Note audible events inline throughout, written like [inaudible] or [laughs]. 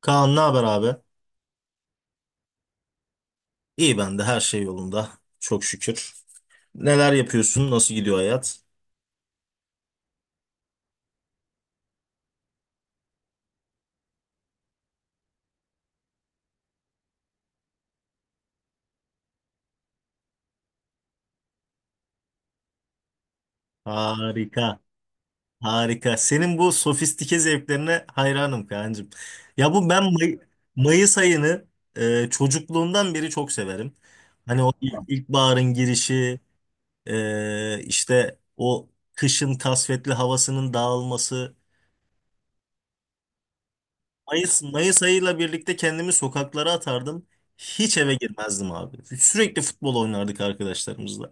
Kaan ne haber abi? İyi ben de her şey yolunda. Çok şükür. Neler yapıyorsun? Nasıl gidiyor hayat? Harika. Harika. Senin bu sofistike zevklerine hayranım Kaan'cığım. Ya bu ben May- Mayıs ayını çocukluğumdan beri çok severim. Hani o ilkbaharın girişi, işte o kışın kasvetli havasının dağılması. Mayıs ayıyla birlikte kendimi sokaklara atardım. Hiç eve girmezdim abi. Sürekli futbol oynardık arkadaşlarımızla.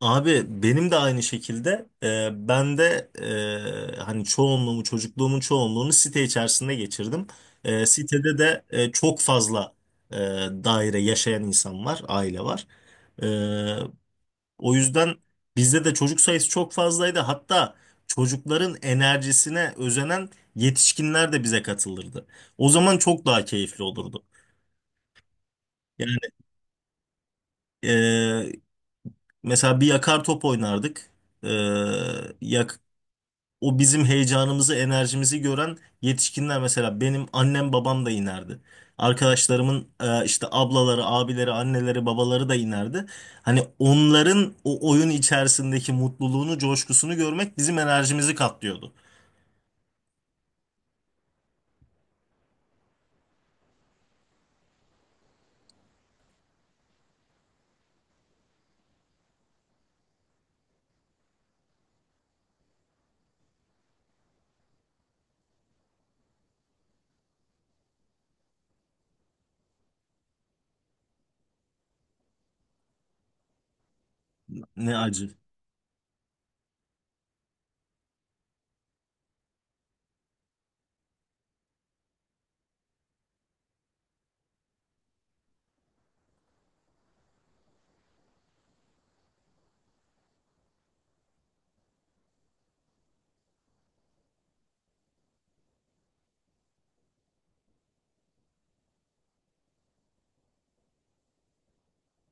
Abi benim de aynı şekilde ben de hani çocukluğumun çoğunluğunu site içerisinde geçirdim. Sitede de çok fazla e, daire yaşayan insan var, aile var. E, O yüzden bizde de çocuk sayısı çok fazlaydı. Hatta çocukların enerjisine özenen yetişkinler de bize katılırdı. O zaman çok daha keyifli olurdu. Yani e, mesela bir yakar top oynardık. E, yak, O bizim heyecanımızı, enerjimizi gören yetişkinler mesela benim annem babam da inerdi. Arkadaşlarımın işte ablaları, abileri, anneleri, babaları da inerdi. Hani onların o oyun içerisindeki mutluluğunu, coşkusunu görmek bizim enerjimizi katlıyordu. Ne acı.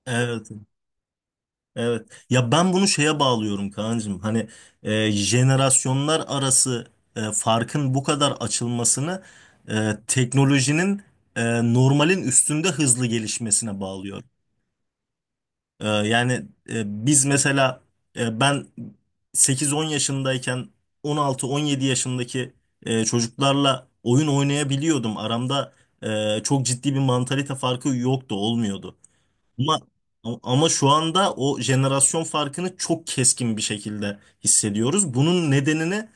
Evet, evet. Ya ben bunu şeye bağlıyorum Kaan'cığım. Hani jenerasyonlar arası farkın bu kadar açılmasını teknolojinin normalin üstünde hızlı gelişmesine bağlıyorum. Yani biz mesela ben 8-10 yaşındayken 16-17 yaşındaki çocuklarla oyun oynayabiliyordum. Aramda çok ciddi bir mantalite farkı yoktu, olmuyordu. Ama Ama şu anda o jenerasyon farkını çok keskin bir şekilde hissediyoruz. Bunun nedenini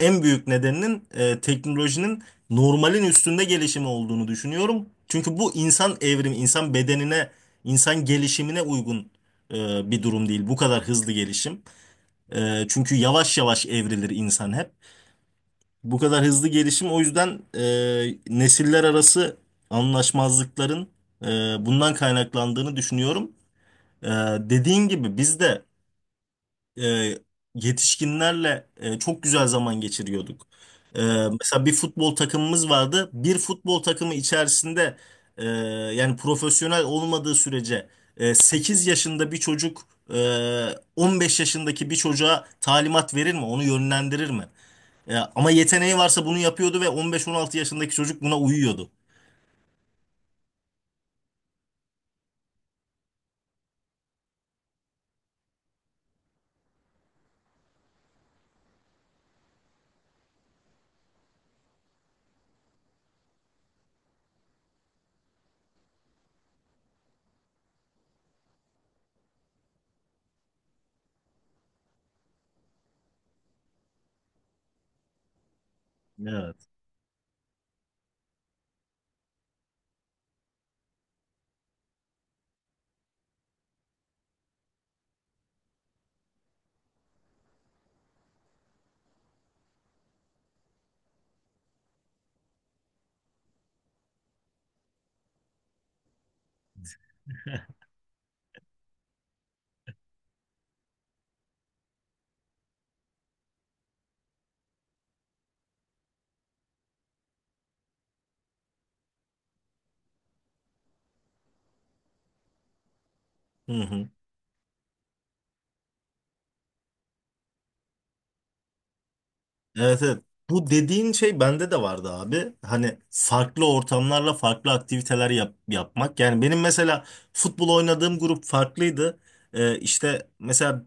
En büyük nedeninin teknolojinin normalin üstünde gelişimi olduğunu düşünüyorum. Çünkü bu insan evrimi, insan bedenine, insan gelişimine uygun bir durum değil. Bu kadar hızlı gelişim. Çünkü yavaş yavaş evrilir insan hep. Bu kadar hızlı gelişim o yüzden nesiller arası anlaşmazlıkların e, bundan kaynaklandığını düşünüyorum. E, Dediğin gibi biz de e, yetişkinlerle çok güzel zaman geçiriyorduk. E, Mesela bir futbol takımımız vardı. Bir futbol takımı içerisinde e, yani profesyonel olmadığı sürece 8 yaşında bir çocuk e, 15 yaşındaki bir çocuğa talimat verir mi? Onu yönlendirir mi? Ama yeteneği varsa bunu yapıyordu ve 15-16 yaşındaki çocuk buna uyuyordu. Evet. Hı hı. Evet, evet. Bu dediğin şey bende de vardı abi. Hani farklı ortamlarla farklı aktiviteler yapmak. Yani benim mesela futbol oynadığım grup farklıydı. İşte mesela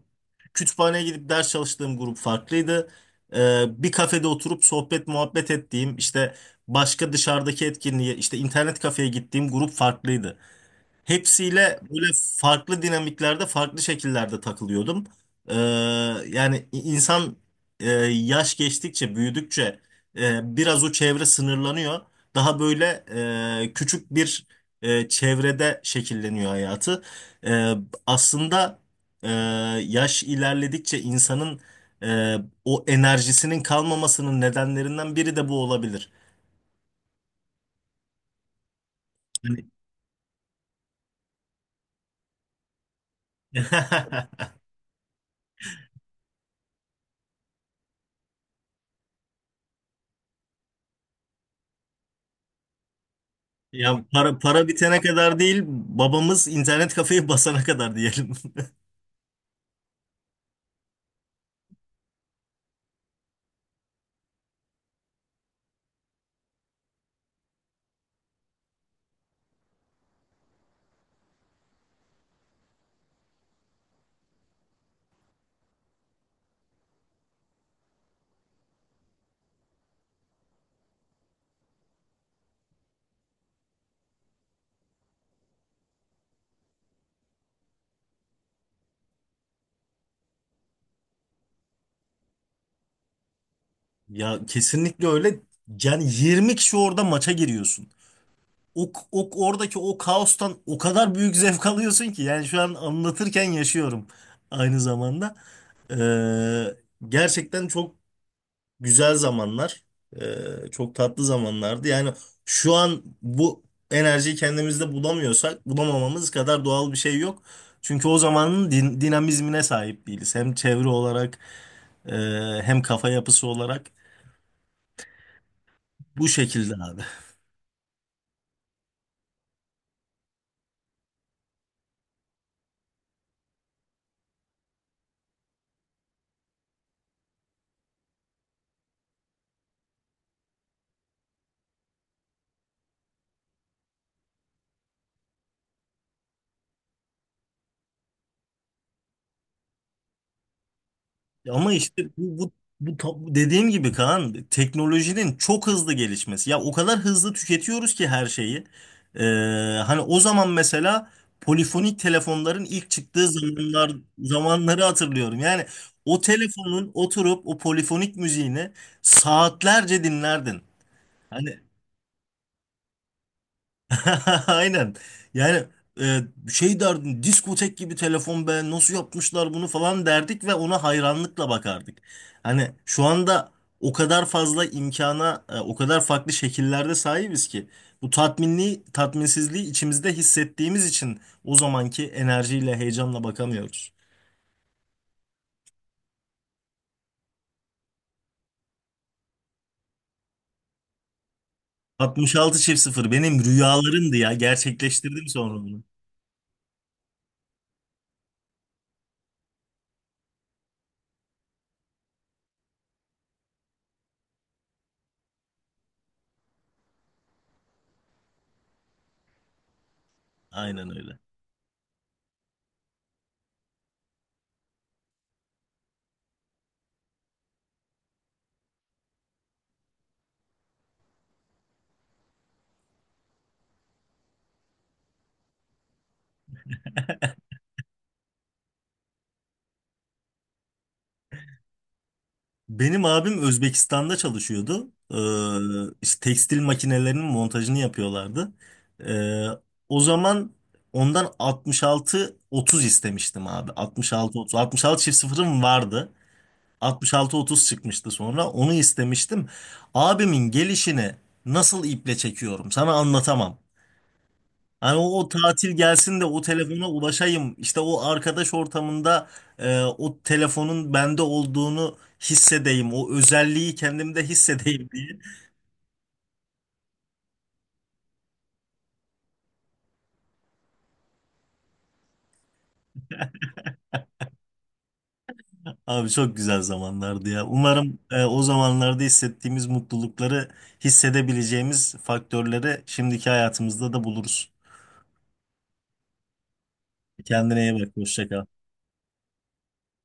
kütüphaneye gidip ders çalıştığım grup farklıydı. Bir kafede oturup sohbet muhabbet ettiğim işte başka dışarıdaki etkinliğe işte internet kafeye gittiğim grup farklıydı. Hepsiyle böyle farklı dinamiklerde, farklı şekillerde takılıyordum. Ee, Yani insan yaş geçtikçe, büyüdükçe biraz o çevre sınırlanıyor. Daha böyle küçük bir çevrede şekilleniyor hayatı. E, Aslında e, yaş ilerledikçe insanın e, o enerjisinin kalmamasının nedenlerinden biri de bu olabilir. Yani- [laughs] Ya para bitene kadar değil, babamız internet kafeyi basana kadar diyelim. [laughs] Ya kesinlikle öyle. Yani 20 kişi orada maça giriyorsun. O oradaki o kaostan o kadar büyük zevk alıyorsun ki yani şu an anlatırken yaşıyorum aynı zamanda. Ee, Gerçekten çok güzel zamanlar, e, çok tatlı zamanlardı. Yani şu an bu enerjiyi kendimizde bulamıyorsak bulamamamız kadar doğal bir şey yok. Çünkü o zamanın dinamizmine sahip değiliz. Hem çevre olarak, e, hem kafa yapısı olarak bu şekilde abi. Ama işte bu dediğim gibi Kaan teknolojinin çok hızlı gelişmesi. Ya o kadar hızlı tüketiyoruz ki her şeyi. Ee, Hani o zaman mesela polifonik telefonların ilk çıktığı zamanları hatırlıyorum. Yani o telefonun oturup o polifonik müziğini saatlerce dinlerdin. Hani [laughs] Aynen. Yani e, şey derdim diskotek gibi telefon be nasıl yapmışlar bunu falan derdik ve ona hayranlıkla bakardık. Hani şu anda o kadar fazla imkana o kadar farklı şekillerde sahibiz ki bu tatminsizliği içimizde hissettiğimiz için o zamanki enerjiyle heyecanla bakamıyoruz. 66 çift sıfır benim rüyalarımdı ya gerçekleştirdim sonra onu. Aynen öyle. Benim abim Özbekistan'da çalışıyordu. Ee, işte tekstil makinelerinin montajını yapıyorlardı. Ee, O zaman ondan 66-30 istemiştim abi. 66-30. 66 çift sıfırım vardı. 66-30 çıkmıştı sonra. Onu istemiştim. Abimin gelişini nasıl iple çekiyorum sana anlatamam. Hani o tatil gelsin de o telefona ulaşayım. İşte o arkadaş ortamında o telefonun bende olduğunu hissedeyim. O özelliği kendimde hissedeyim diye. Abi çok güzel zamanlardı ya. Umarım o zamanlarda hissettiğimiz mutlulukları hissedebileceğimiz faktörleri şimdiki hayatımızda da buluruz. Kendine iyi bak. Hoşça kal.